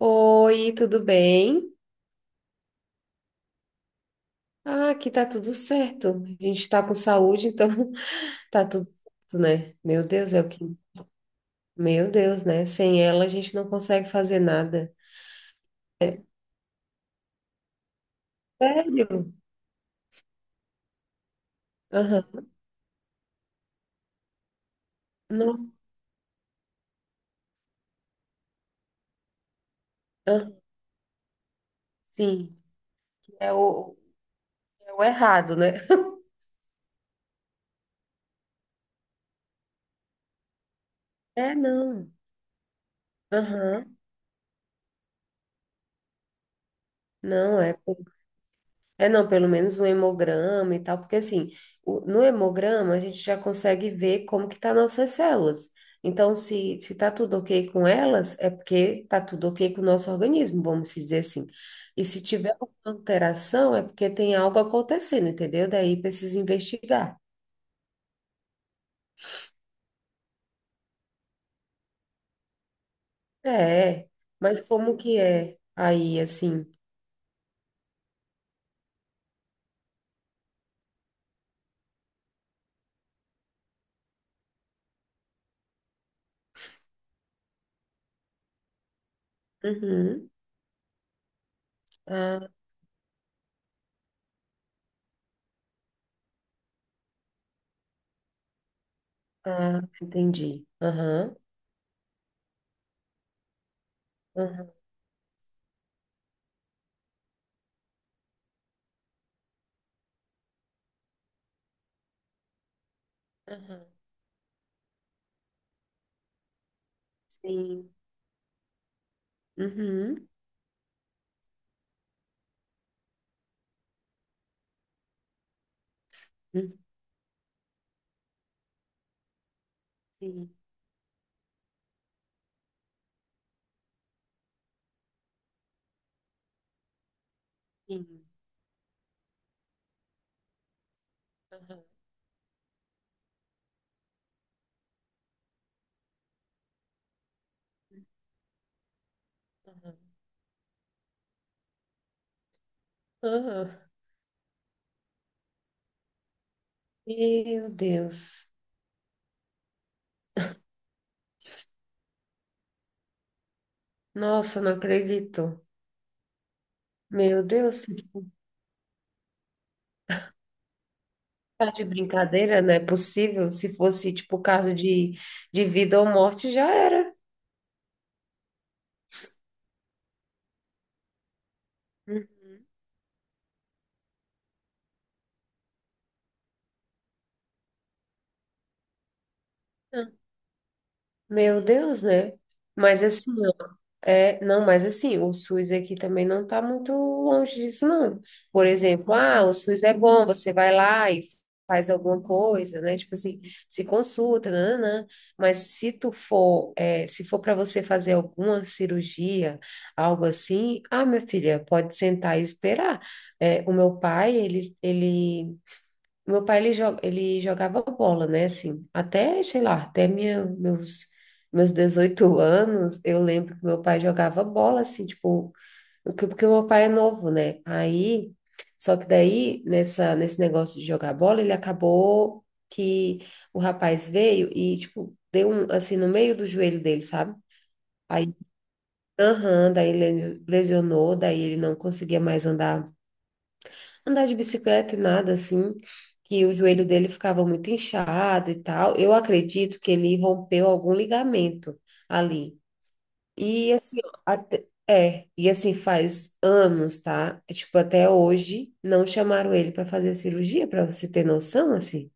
Oi, tudo bem? Ah, aqui tá tudo certo. A gente tá com saúde, então tá tudo certo, né? Meu Deus, é o que. Meu Deus, né? Sem ela a gente não consegue fazer nada. Sério? Aham. Não. Ah, sim. É o, é o errado, né? É, não. Aham. Não, é. É, não, pelo menos um hemograma e tal, porque assim, no hemograma a gente já consegue ver como que tá nossas células. Então, se tá tudo ok com elas, é porque tá tudo ok com o nosso organismo, vamos se dizer assim. E se tiver alguma alteração, é porque tem algo acontecendo, entendeu? Daí precisa investigar. É, mas como que é aí, assim? Uhum. Ah, ah, entendi. Aham, aham, aham. Sim. Uhum. uhum, Sim, sim. Aham, aham, aham. Meu Deus. Nossa, não acredito. Meu Deus, tá de brincadeira, não é possível. Se fosse, tipo, de vida ou morte, já era. Hum. Meu Deus, né? Mas assim, é, não, mas assim, o SUS aqui também não está muito longe disso, não. Por exemplo, ah, o SUS é bom, você vai lá e faz alguma coisa, né? Tipo assim, se consulta, nananã. Mas se tu for, é, se for para você fazer alguma cirurgia, algo assim, ah, minha filha, pode sentar e esperar. É, o meu pai, ele ele jogava bola, né? Assim, até, sei lá, até minha, meus, meus 18 anos, eu lembro que meu pai jogava bola, assim, tipo, porque meu pai é novo, né? Aí, só que daí, nessa, nesse negócio de jogar bola, ele acabou que o rapaz veio e, tipo, deu um, assim, no meio do joelho dele, sabe? Aí, aham, daí ele lesionou, daí ele não conseguia mais andar de bicicleta e nada assim, que o joelho dele ficava muito inchado e tal. Eu acredito que ele rompeu algum ligamento ali. E assim, ó, é, e assim faz anos, tá? É, tipo, até hoje não chamaram ele para fazer cirurgia, para você ter noção, assim.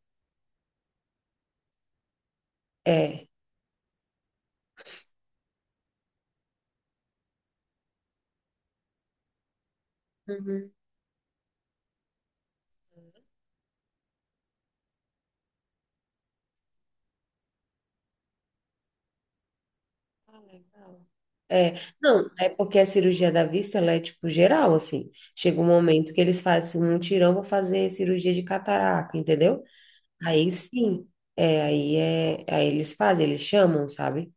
É. Uhum. Ah, legal. É, não, é porque a cirurgia da vista, ela é tipo geral, assim. Chega um momento que eles fazem um tirão, para fazer cirurgia de catarata, entendeu? Aí sim, é, aí eles fazem, eles chamam, sabe?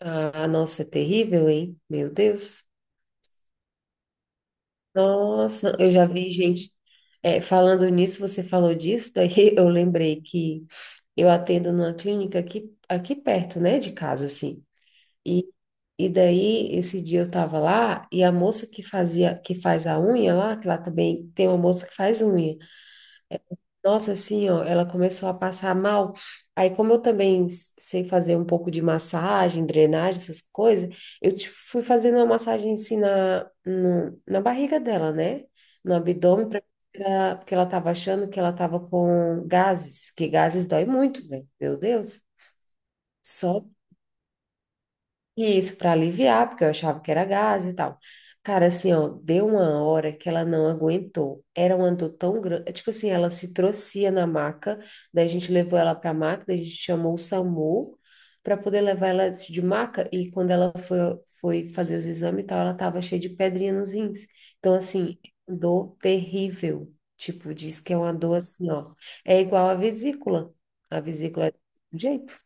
Ah, nossa, é terrível, hein? Meu Deus. Nossa, eu já vi gente. É, falando nisso, você falou disso, daí eu lembrei que eu atendo numa clínica aqui, aqui perto, né, de casa, assim. E, e daí, esse dia eu tava lá e a moça que fazia, que faz a unha lá, que lá também tem uma moça que faz unha. Nossa, assim, ó, ela começou a passar mal. Aí, como eu também sei fazer um pouco de massagem, drenagem, essas coisas, eu tipo, fui fazendo uma massagem assim na, na barriga dela, né? No abdômen, porque ela tava achando que ela tava com gases, que gases dói muito, né? Meu Deus. Só e isso para aliviar, porque eu achava que era gás e tal. Cara, assim, ó, deu uma hora que ela não aguentou. Era uma dor tão grande. Tipo assim, ela se trouxe na maca, daí a gente levou ela pra maca, daí a gente chamou o SAMU para poder levar ela de maca. E quando ela foi, foi fazer os exames e tal, ela tava cheia de pedrinha nos rins. Então, assim, dor terrível. Tipo, diz que é uma dor assim, ó. É igual a vesícula. A vesícula é do jeito.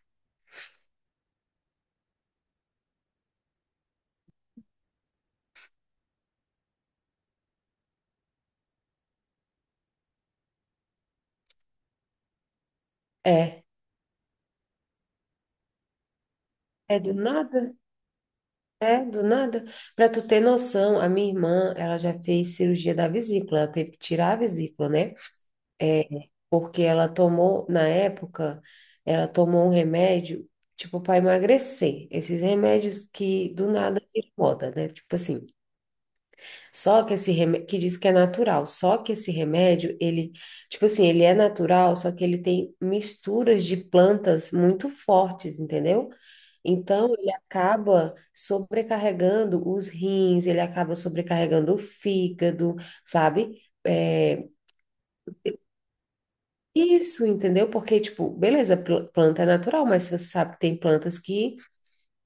É. É do nada. É, do nada. Para tu ter noção, a minha irmã, ela já fez cirurgia da vesícula, ela teve que tirar a vesícula, né? Porque ela tomou, na época, ela tomou um remédio, tipo, para emagrecer. Esses remédios que do nada viram moda, né? Tipo assim, só que esse remédio, que diz que é natural, só que esse remédio, ele, tipo assim, ele é natural, só que ele tem misturas de plantas muito fortes, entendeu? Então, ele acaba sobrecarregando os rins, ele acaba sobrecarregando o fígado, sabe? É, isso, entendeu? Porque, tipo, beleza, planta é natural, mas você sabe que tem plantas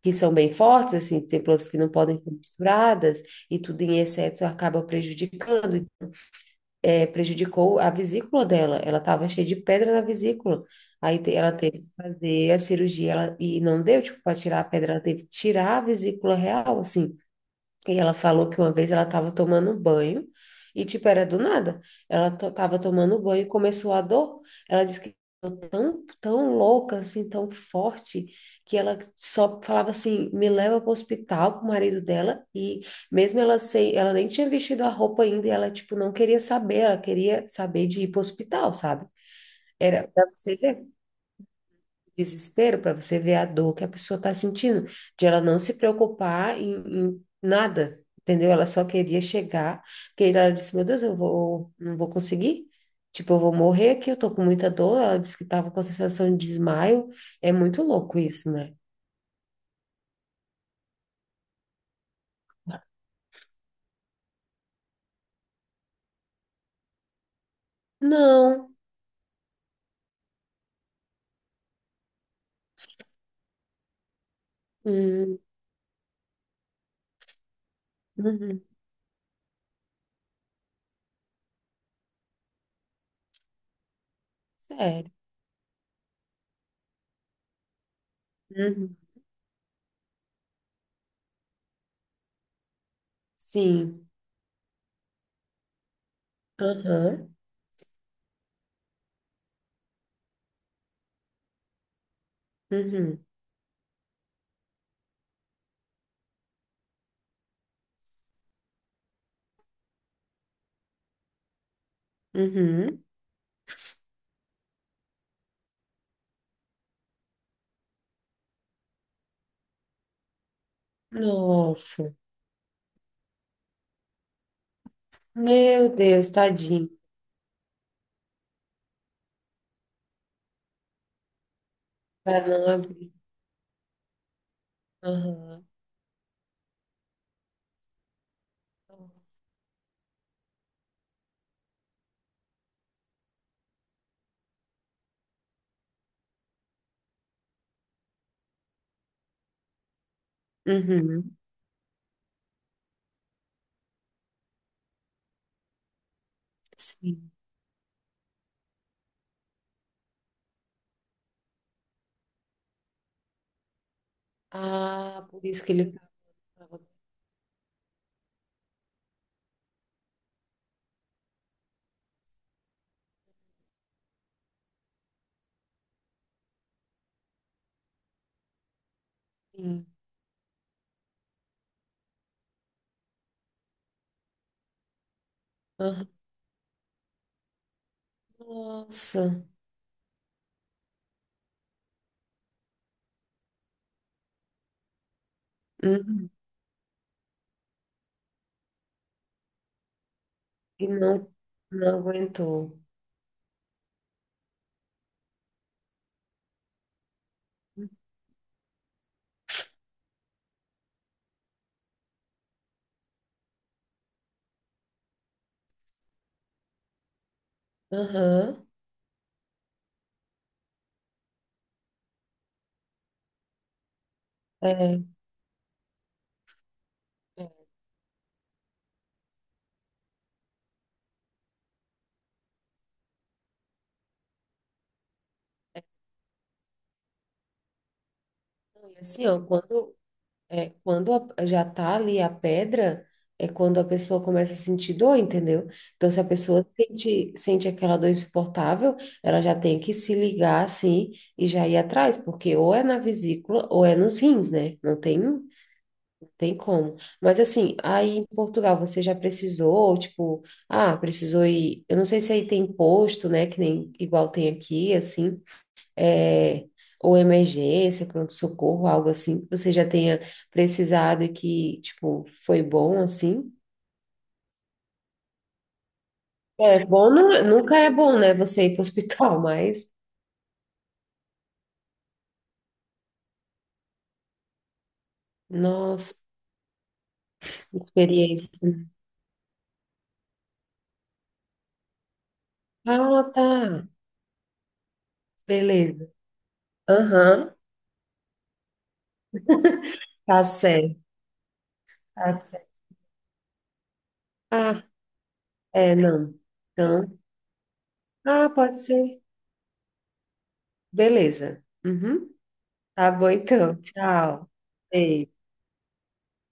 que são bem fortes, assim, tem plantas que não podem ser misturadas, e tudo em excesso acaba prejudicando, é, prejudicou a vesícula dela, ela estava cheia de pedra na vesícula. Aí ela teve que fazer a cirurgia ela, e não deu, tipo, para tirar a pedra, ela teve que tirar a vesícula real, assim. E ela falou que uma vez ela estava tomando banho e, tipo, era do nada. Ela estava tomando banho e começou a dor. Ela disse que ficou tão louca, assim, tão forte, que ela só falava assim: me leva para o hospital, para o marido dela. E mesmo ela sem, ela nem tinha vestido a roupa ainda, e ela, tipo, não queria saber, ela queria saber de ir para o hospital, sabe? Era para você ver desespero para você ver a dor que a pessoa está sentindo, de ela não se preocupar em nada, entendeu? Ela só queria chegar, porque ela disse, meu Deus, eu vou, não vou conseguir, tipo, eu vou morrer aqui, eu tô com muita dor, ela disse que tava com a sensação de desmaio, é muito louco isso, né? Não, hum, uhum. Sério, uhum. Sim, aham, uhum. Uhum. Nossa, meu Deus, tadinho, para não abrir, aham. Uhum. Sim. Ah, por isso que ele estava assim. Aham. Nossa. Uhum. E não, não aguentou. Aham. É. É. Não, e assim, ó, quando, é, quando já tá ali a pedra, é quando a pessoa começa a sentir dor, entendeu? Então, se a pessoa sente, sente aquela dor insuportável, ela já tem que se ligar assim e já ir atrás, porque ou é na vesícula ou é nos rins, né? Não tem tem como. Mas assim, aí em Portugal você já precisou, tipo, ah, precisou ir. Eu não sei se aí tem posto, né? Que nem igual tem aqui, assim, é, ou emergência, pronto-socorro, algo assim, que você já tenha precisado e que, tipo, foi bom, assim. É bom, nunca é bom, né? Você ir para o hospital, mas, nossa, que experiência. Ah, tá. Beleza. Aham, tá certo, tá certo. Ah, é, não. Então. Ah, pode ser. Beleza. Uhum. Tá bom então. Tchau. Beijo.